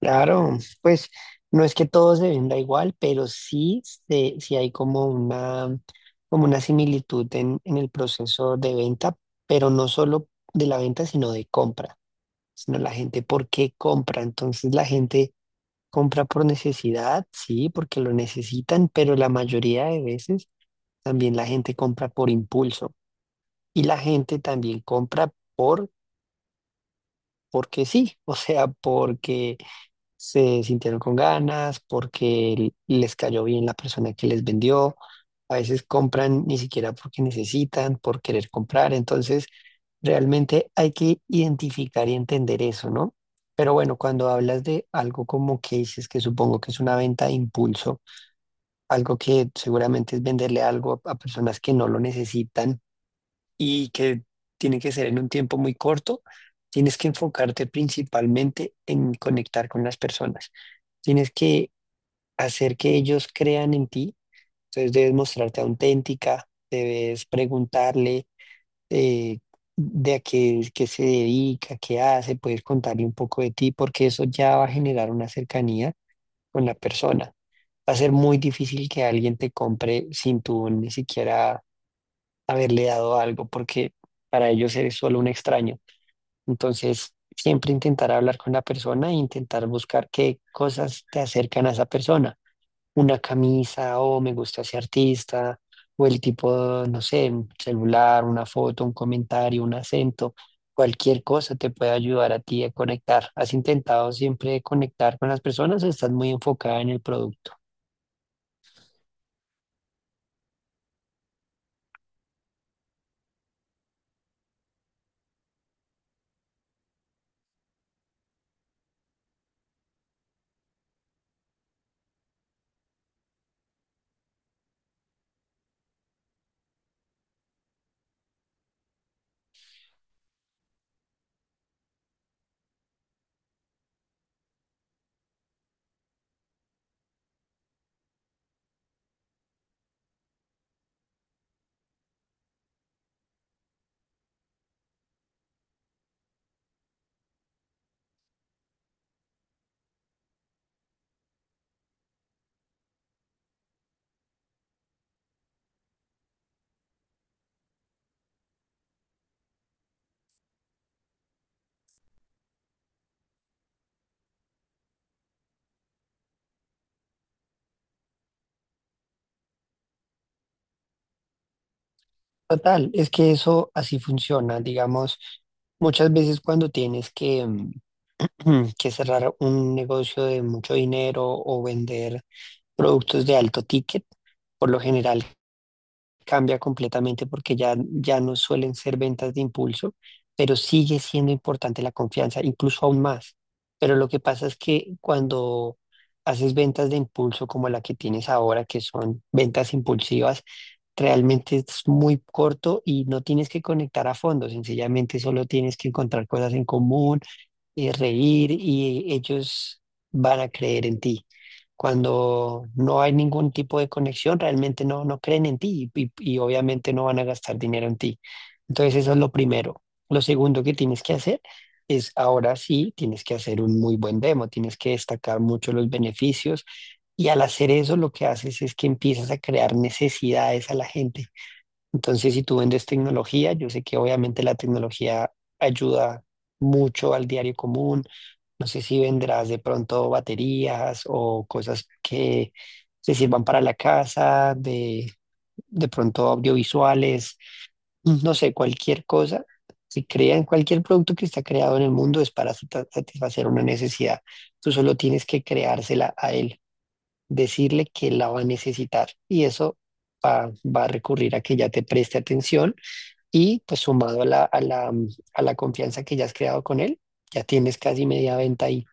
Claro, pues no es que todo se venda igual, pero sí, sí hay como una similitud en el proceso de venta, pero no solo de la venta, sino de compra, sino la gente por qué compra. Entonces la gente compra por necesidad, sí, porque lo necesitan, pero la mayoría de veces también la gente compra por impulso y la gente también compra porque sí, o sea, porque se sintieron con ganas, porque les cayó bien la persona que les vendió. A veces compran ni siquiera porque necesitan, por querer comprar. Entonces, realmente hay que identificar y entender eso, ¿no? Pero bueno, cuando hablas de algo como que dices que supongo que es una venta de impulso, algo que seguramente es venderle algo a personas que no lo necesitan y que tiene que ser en un tiempo muy corto, tienes que enfocarte principalmente en conectar con las personas. Tienes que hacer que ellos crean en ti, entonces debes mostrarte auténtica, debes preguntarle eh, de qué se dedica, qué hace, puedes contarle un poco de ti, porque eso ya va a generar una cercanía con la persona. Va a ser muy difícil que alguien te compre sin tú ni siquiera haberle dado algo, porque para ellos eres solo un extraño. Entonces, siempre intentar hablar con la persona e intentar buscar qué cosas te acercan a esa persona. Una camisa, o me gusta ese artista, o el tipo, no sé, un celular, una foto, un comentario, un acento. Cualquier cosa te puede ayudar a ti a conectar. ¿Has intentado siempre conectar con las personas o estás muy enfocada en el producto? Total, es que eso así funciona, digamos. Muchas veces cuando tienes que, que cerrar un negocio de mucho dinero o vender productos de alto ticket, por lo general cambia completamente porque ya no suelen ser ventas de impulso, pero sigue siendo importante la confianza, incluso aún más. Pero lo que pasa es que cuando haces ventas de impulso como la que tienes ahora, que son ventas impulsivas, realmente es muy corto y no tienes que conectar a fondo, sencillamente solo tienes que encontrar cosas en común reír y ellos van a creer en ti. Cuando no hay ningún tipo de conexión, realmente no, no creen en ti y obviamente no van a gastar dinero en ti. Entonces eso es lo primero. Lo segundo que tienes que hacer es ahora sí, tienes que hacer un muy buen demo, tienes que destacar mucho los beneficios. Y al hacer eso, lo que haces es que empiezas a crear necesidades a la gente. Entonces, si tú vendes tecnología, yo sé que obviamente la tecnología ayuda mucho al diario común, no sé si vendrás de pronto baterías o cosas que se sirvan para la casa, de pronto audiovisuales, no sé, cualquier cosa. Si crean cualquier producto que está creado en el mundo es para satisfacer una necesidad. Tú solo tienes que creársela a él, decirle que la va a necesitar y eso va a recurrir a que ya te preste atención y pues sumado a a la confianza que ya has creado con él, ya tienes casi media venta ahí.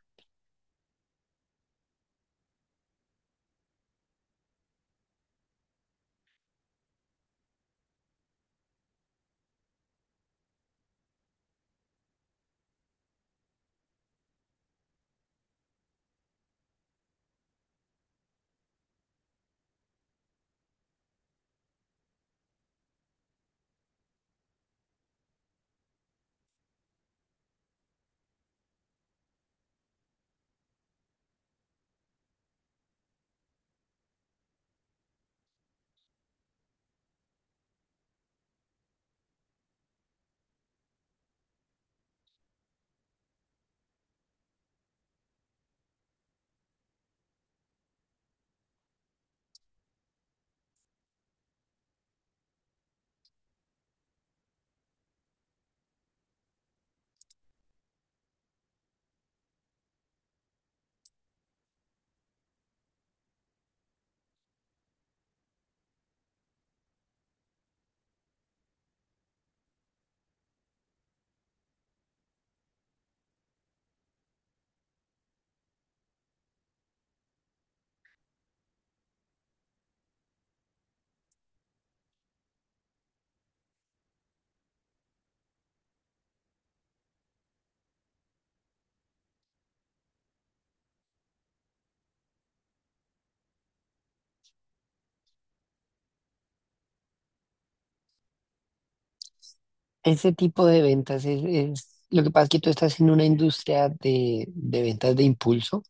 Ese tipo de ventas lo que pasa es que tú estás en una industria de ventas de impulso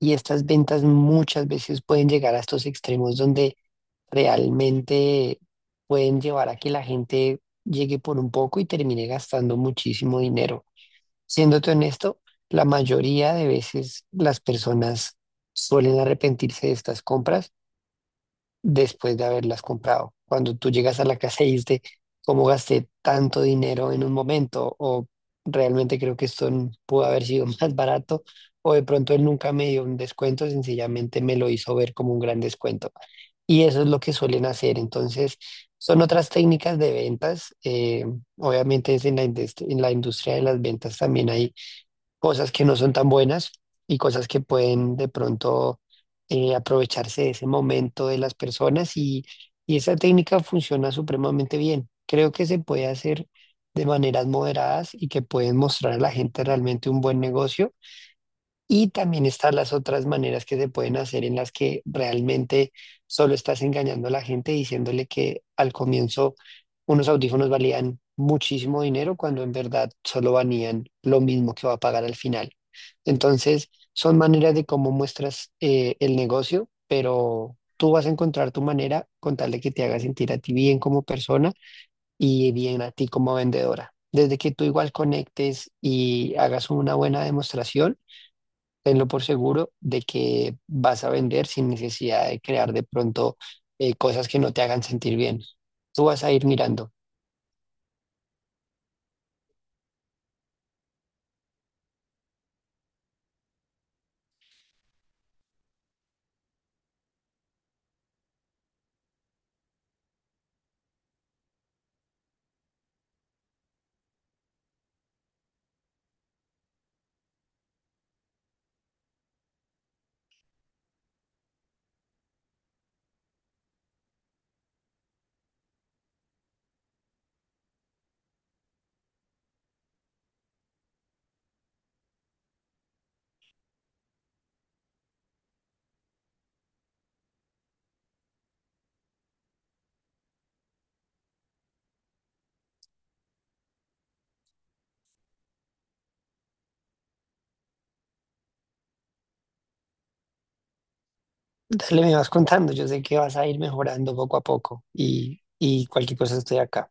y estas ventas muchas veces pueden llegar a estos extremos donde realmente pueden llevar a que la gente llegue por un poco y termine gastando muchísimo dinero. Siéndote honesto, la mayoría de veces las personas suelen arrepentirse de estas compras después de haberlas comprado. Cuando tú llegas a la casa y dices, ¿cómo gasté tanto dinero en un momento? O realmente creo que esto pudo haber sido más barato. O de pronto él nunca me dio un descuento, sencillamente me lo hizo ver como un gran descuento. Y eso es lo que suelen hacer. Entonces, son otras técnicas de ventas. Obviamente es en la en la industria de las ventas también hay cosas que no son tan buenas y cosas que pueden de pronto aprovecharse de ese momento de las personas y esa técnica funciona supremamente bien. Creo que se puede hacer de maneras moderadas y que pueden mostrar a la gente realmente un buen negocio y también están las otras maneras que se pueden hacer en las que realmente solo estás engañando a la gente diciéndole que al comienzo unos audífonos valían muchísimo dinero cuando en verdad solo valían lo mismo que va a pagar al final. Entonces, son maneras de cómo muestras el negocio, pero tú vas a encontrar tu manera con tal de que te haga sentir a ti bien como persona y bien a ti como vendedora. Desde que tú igual conectes y hagas una buena demostración tenlo por seguro de que vas a vender sin necesidad de crear de pronto cosas que no te hagan sentir bien. Tú vas a ir mirando. Dale, me vas contando. Yo sé que vas a ir mejorando poco a poco y cualquier cosa estoy acá.